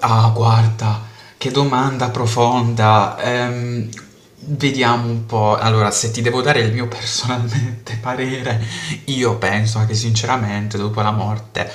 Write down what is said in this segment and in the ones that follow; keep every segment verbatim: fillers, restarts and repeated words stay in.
Ah, guarda, che domanda profonda. Ehm, vediamo un po'. Allora, se ti devo dare il mio personalmente parere, io penso che sinceramente dopo la morte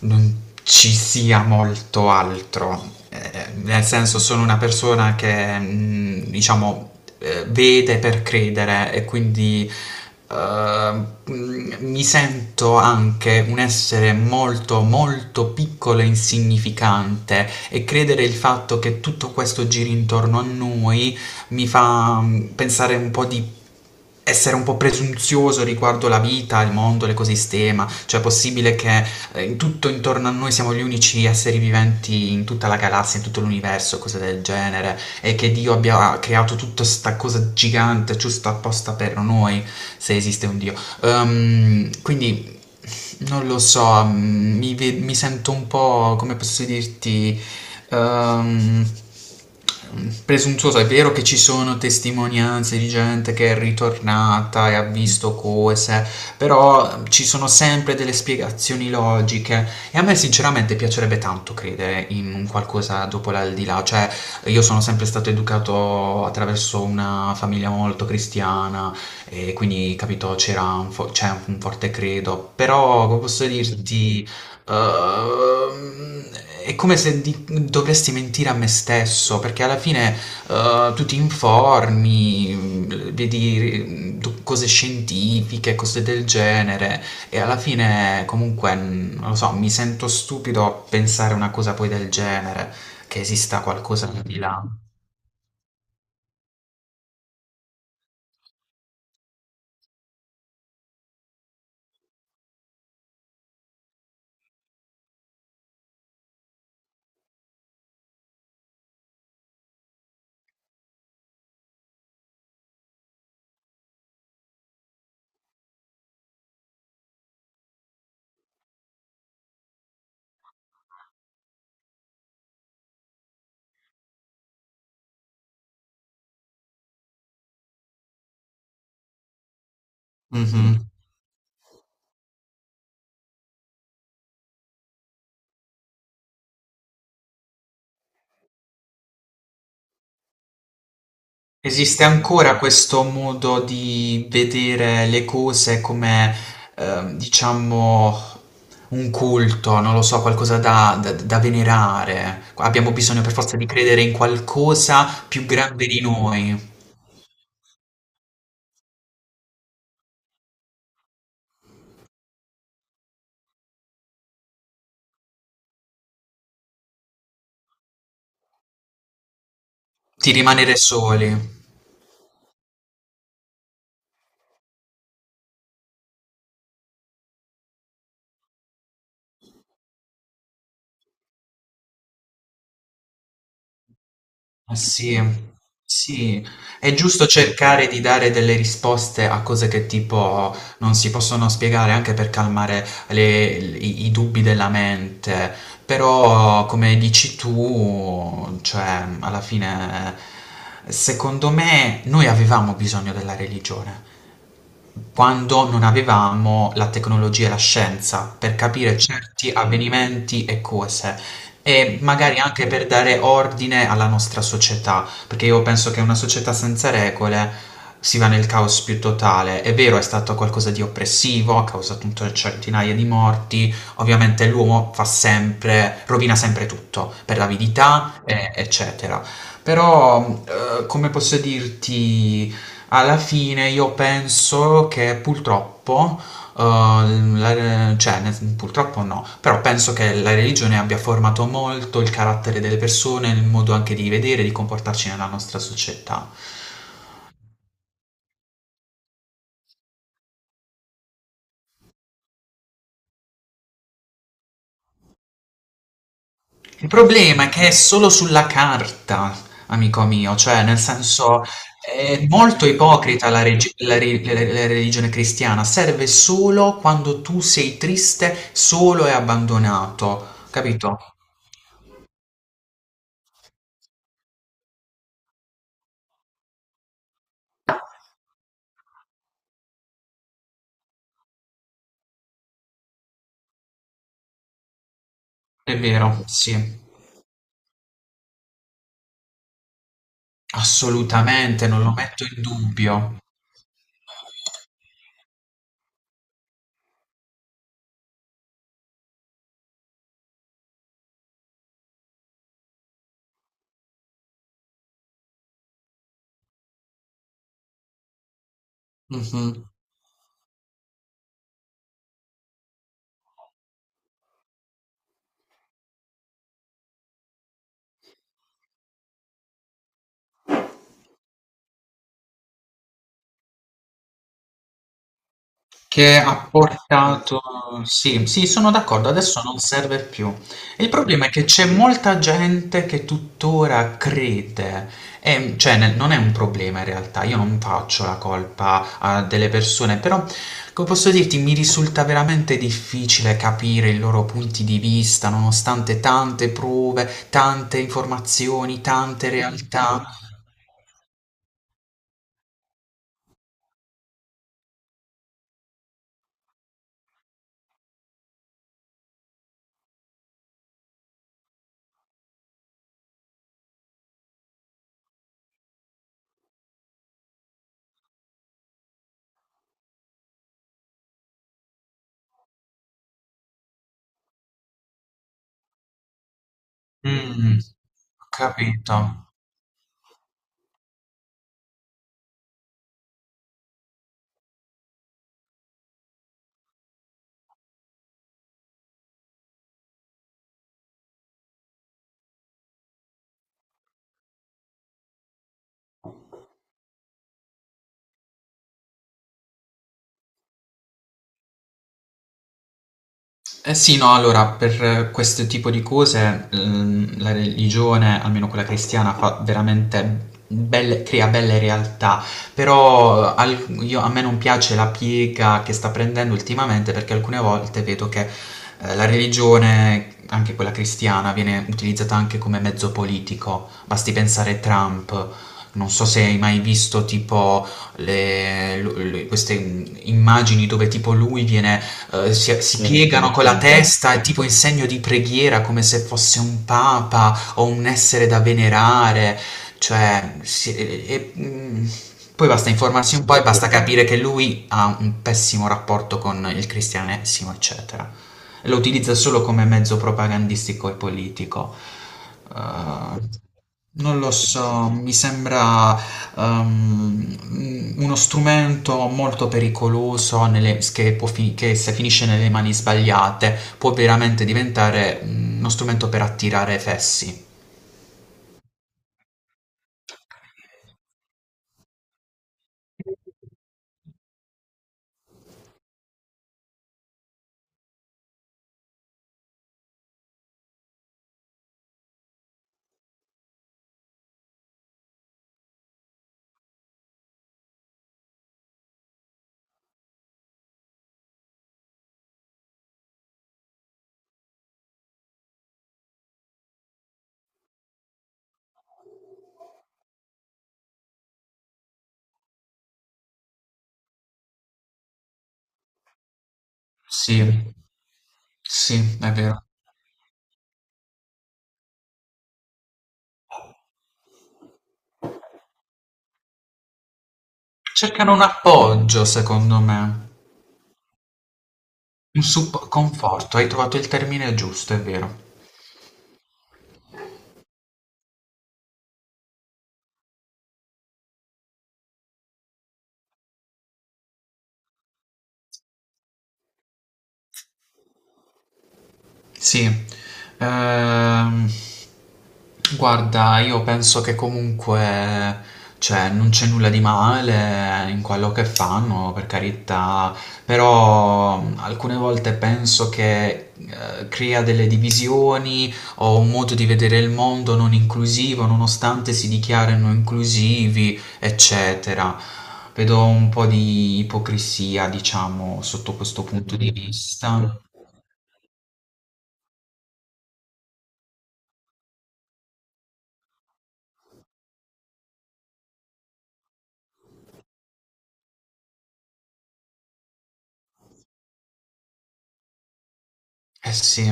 non ci sia molto altro. Eh, nel senso, sono una persona che, mm, diciamo, eh, vede per credere e quindi eh, mi sento anche un essere molto molto piccolo e insignificante e credere il fatto che tutto questo giri intorno a noi mi fa mm, pensare un po' di essere un po' presunzioso riguardo la vita, il mondo, l'ecosistema, cioè è possibile che eh, in tutto intorno a noi siamo gli unici esseri viventi in tutta la galassia, in tutto l'universo, cose del genere, e che Dio abbia creato tutta questa cosa gigante giusto apposta per noi, se esiste un Dio. Ehm, quindi non lo so, mm, mi, ve- mi sento un po', come posso dirti, ehm, presuntuoso. È vero che ci sono testimonianze di gente che è ritornata e ha visto cose, però ehm, ci sono sempre delle spiegazioni logiche e a me sinceramente piacerebbe tanto credere in un qualcosa dopo l'aldilà, cioè io sono sempre stato educato attraverso una famiglia molto cristiana e quindi capito c'era un fo- c'è un forte credo, però come posso dirti. Ehm, è come se di- dovresti mentire a me stesso, perché alla fine eh, tu ti informi, mh, vedi mh, tu- cose scientifiche, cose del genere, e alla fine comunque, mh, non lo so, mi sento stupido a pensare una cosa poi del genere, che esista qualcosa al di là. Mm. Mhm. Esiste ancora questo modo di vedere le cose come, ehm, diciamo, un culto, non lo so, qualcosa da, da- da venerare. Abbiamo bisogno per forza di credere in qualcosa più grande di noi, di rimanere soli. Ma sì, sì, è giusto cercare di dare delle risposte a cose che tipo non si possono spiegare anche per calmare le- i, i dubbi della mente, però come dici tu, cioè alla fine secondo me noi avevamo bisogno della religione quando non avevamo la tecnologia e la scienza per capire certi avvenimenti e cose e magari anche per dare ordine alla nostra società, perché io penso che una società senza regole si va nel caos più totale. È vero, è stato qualcosa di oppressivo, ha causato un- centinaia di morti, ovviamente l'uomo fa sempre, rovina sempre tutto per l'avidità, e- eccetera. Però, eh, come posso dirti, alla fine io penso che purtroppo, uhm, la re cioè nel sen purtroppo no, però penso che la religione abbia formato molto il carattere delle persone, il modo anche di vedere e di comportarci nella nostra società. Il problema è che è solo sulla carta, amico mio, cioè nel senso è molto ipocrita la regi la re la re la religione cristiana, serve solo quando tu sei triste, solo e abbandonato, capito? È vero, sì. Assolutamente, non lo metto in dubbio. Mh-mh. Che ha portato sì, sì, sono d'accordo, adesso non serve più. Il problema è che c'è molta gente che tuttora crede, ehm, cioè ne non è un problema in realtà, io non faccio la colpa a delle persone, però come posso dirti, mi risulta veramente difficile capire i loro punti di vista, nonostante tante prove, tante informazioni, tante realtà. Mh, ho capito. Eh sì, no, allora, per questo tipo di cose, ehm, la religione, almeno quella cristiana, fa veramente belle, crea belle realtà, però al- io- a me non piace la piega che sta prendendo ultimamente perché alcune volte vedo che eh, la religione, anche quella cristiana, viene utilizzata anche come mezzo politico. Basti pensare a Trump. Non so se hai mai visto tipo le- lu- le- queste mm, immagini dove tipo lui viene eh, si, si piegano con la testa, è tipo in segno di preghiera, come se fosse un papa o un essere da venerare, cioè... si- e- e- mm, poi basta informarsi un po' e basta capire che lui ha un pessimo rapporto con il cristianesimo, eccetera. Lo utilizza solo come mezzo propagandistico e politico. Eh, non lo so, mi sembra ehm, uno strumento molto pericoloso nelle- che, può fi- che se finisce nelle mani sbagliate può veramente diventare mm, uno strumento per attirare fessi. Sì, sì, è vero. Cercano un appoggio, secondo me, un sup- conforto. Hai trovato il termine giusto, è vero. Sì, ehm, guarda, io penso che comunque, cioè, non c'è nulla di male in quello che fanno, per carità, però mh, alcune volte penso che eh, crea delle divisioni o un modo di vedere il mondo non inclusivo, nonostante si dichiarino inclusivi, eccetera. Vedo un po' di ipocrisia, diciamo, sotto questo punto di Mm. vista. Eh sì,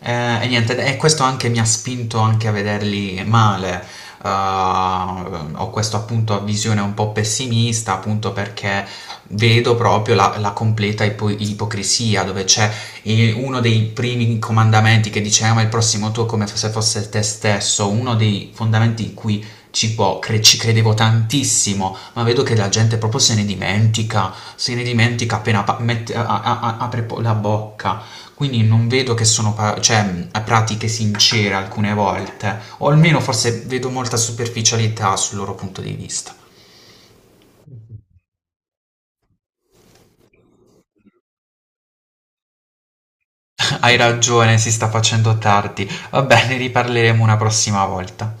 ehm, e niente, e questo anche mi ha spinto anche a vederli male. Uhm, ho questo appunto visione un po' pessimista, appunto perché vedo proprio la la completa ipo ipocrisia, dove c'è i uno dei primi comandamenti che dice: "Ama il prossimo tuo come f se fosse te stesso", uno dei fondamenti in cui ci può cre ci credevo tantissimo, ma vedo che la gente proprio se ne dimentica, se ne dimentica appena pa mette a a a apre po la bocca. Quindi non vedo che sono pa cioè, mhmm, pratiche sincere alcune volte, o almeno forse vedo molta superficialità sul loro punto di vista. Hai ragione, si sta facendo tardi. Va bene, riparleremo una prossima volta.